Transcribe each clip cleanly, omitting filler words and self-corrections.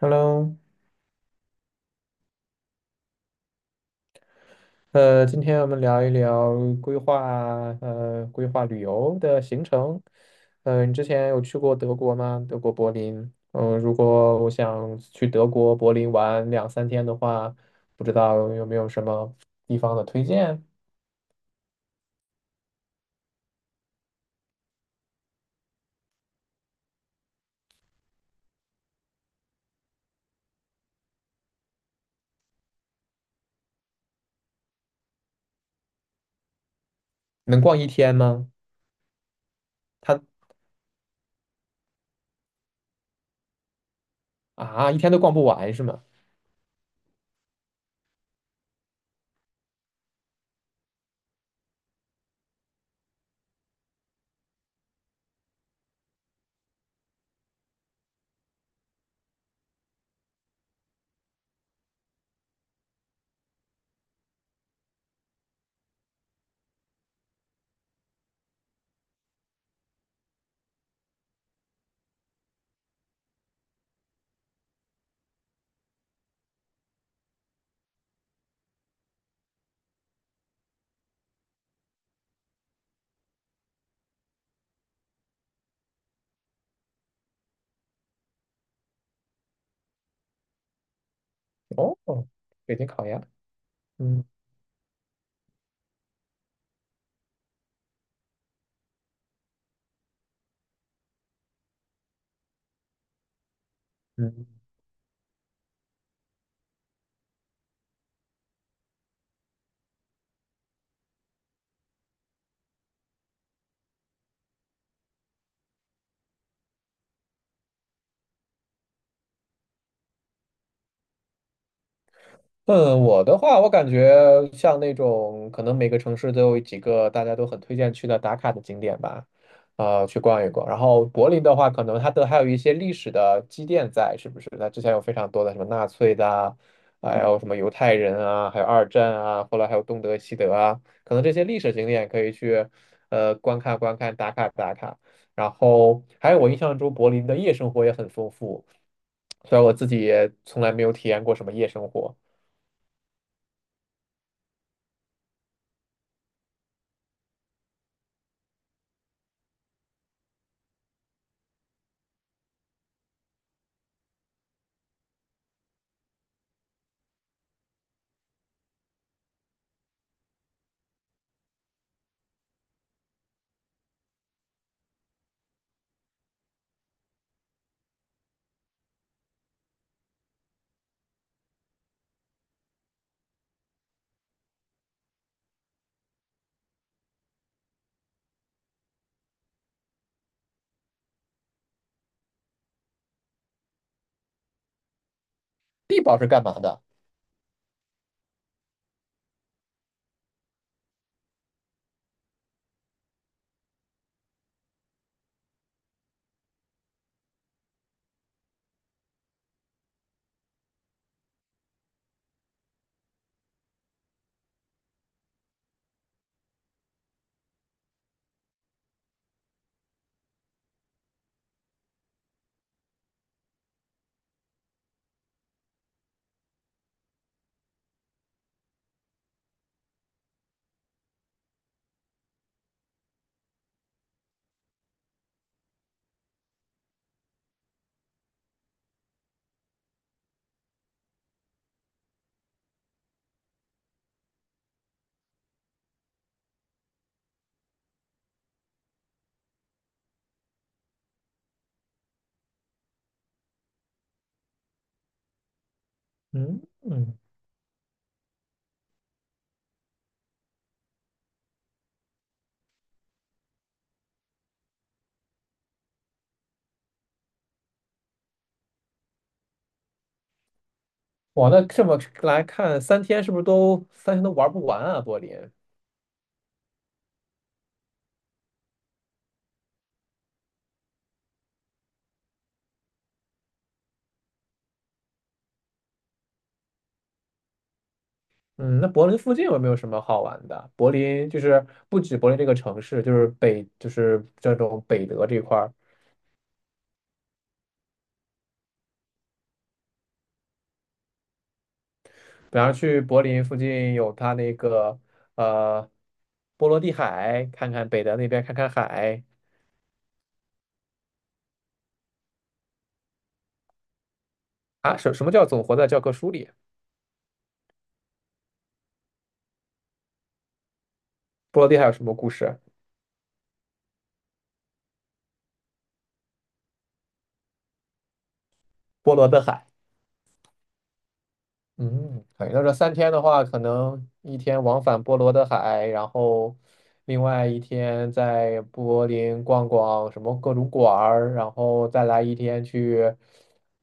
Hello，今天我们聊一聊规划旅游的行程。你之前有去过德国吗？德国柏林。嗯、如果我想去德国柏林玩2、3天的话，不知道有没有什么地方的推荐？能逛一天吗？他啊，一天都逛不完是吗？哦，北京烤鸭。嗯嗯嗯，我的话，我感觉像那种可能每个城市都有几个大家都很推荐去的打卡的景点吧，去逛一逛。然后柏林的话，可能它都还有一些历史的积淀在，是不是？那之前有非常多的什么纳粹的啊，还有什么犹太人啊，还有二战啊，后来还有东德、西德啊，可能这些历史景点可以去观看观看，打卡打卡。然后还有我印象中柏林的夜生活也很丰富，虽然我自己也从来没有体验过什么夜生活。地堡是干嘛的？嗯嗯，哇，那这么来看，三天是不是都三天都玩不完啊？柏林，嗯，那柏林附近有没有什么好玩的？柏林就是不止柏林这个城市，就是北就是这种北德这块儿，比方去柏林附近有它那个呃波罗的海，看看北德那边看看海啊，什么叫总活在教科书里？波罗的海有什么故事？波罗的海。嗯，可以。那这三天的话，可能一天往返波罗的海，然后另外一天在柏林逛逛什么各种馆儿，然后再来一天去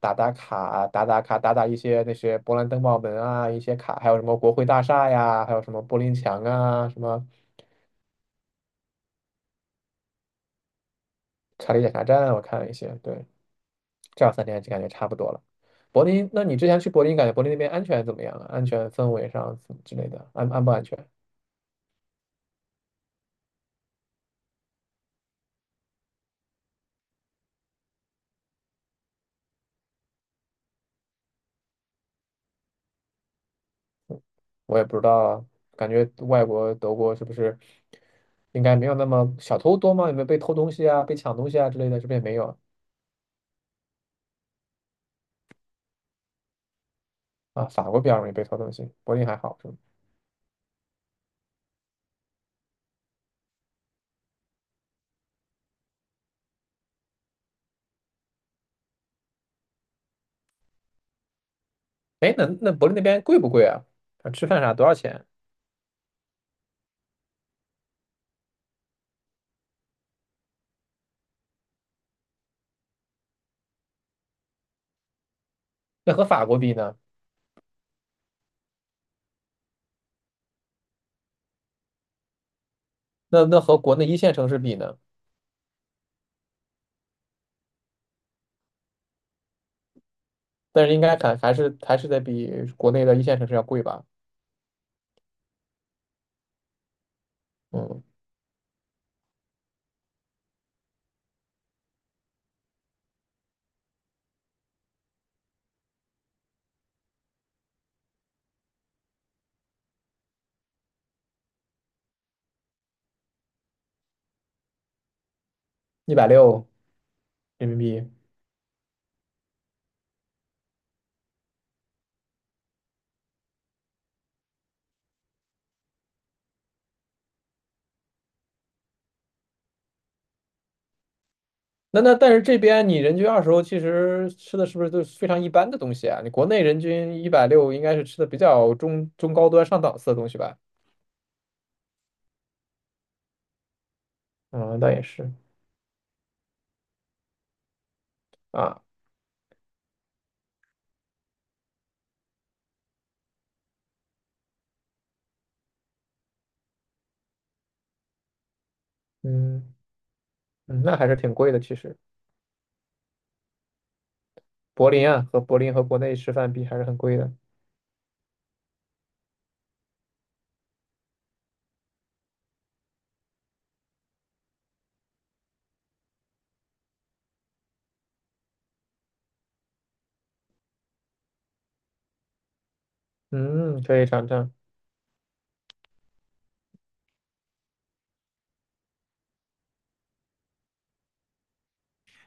打打卡、打打卡、打打一些那些勃兰登堡门啊，一些卡，还有什么国会大厦呀，还有什么柏林墙啊，什么查理检查站，我看了一些。对，这样三天就感觉差不多了。柏林，那你之前去柏林，感觉柏林那边安全怎么样啊？安全氛围上之类的，安不安全？我也不知道啊，感觉外国德国是不是应该没有那么小偷多吗？有没有被偷东西啊、被抢东西啊之类的？这边也没有啊？啊法国比较容易被偷东西，柏林还好是吗？哎，那柏林那边贵不贵啊？啊吃饭啥多少钱？那和法国比呢？那和国内一线城市比呢？但是应该还是得比国内的一线城市要贵吧？嗯，一百六人民币。那但是这边你人均20欧，其实吃的是不是都是非常一般的东西啊？你国内人均一百六，应该是吃的比较中高端上档次的东西吧？嗯，倒也是啊，嗯嗯，那还是挺贵的。其实柏林啊，和柏林和国内吃饭比还是很贵的。嗯，可以尝尝。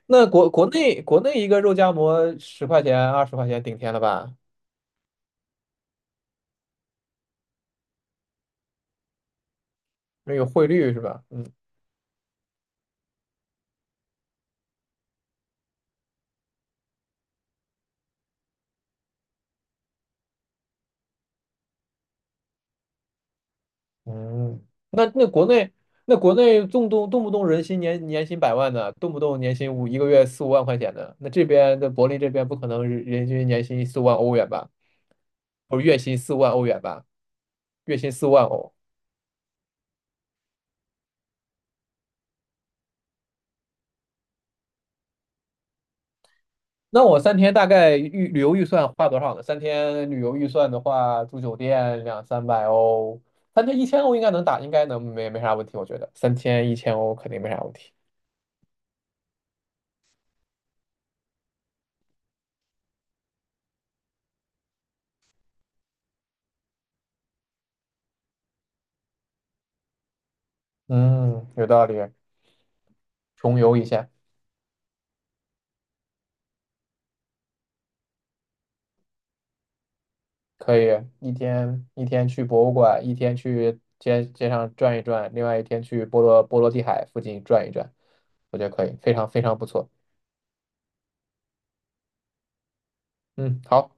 那国内一个肉夹馍十块钱20块钱顶天了吧？因为有汇率是吧？嗯嗯，那国内动不动人薪年年薪百万的，动不动年薪五一个月4、5万块钱的，那这边的柏林这边不可能人均年薪四五万欧元吧，不是月薪四五万欧元吧，月薪四五万欧。那我三天大概旅游预算花多少呢？三天旅游预算的话，住酒店2、300欧，三天一千欧应该能打，应该能没啥问题，我觉得三天一千欧肯定没啥问题。嗯，有道理，穷游一下。可以一天一天去博物馆，一天去街上转一转，另外一天去波罗的海附近转一转，我觉得可以，非常非常不错。嗯，好。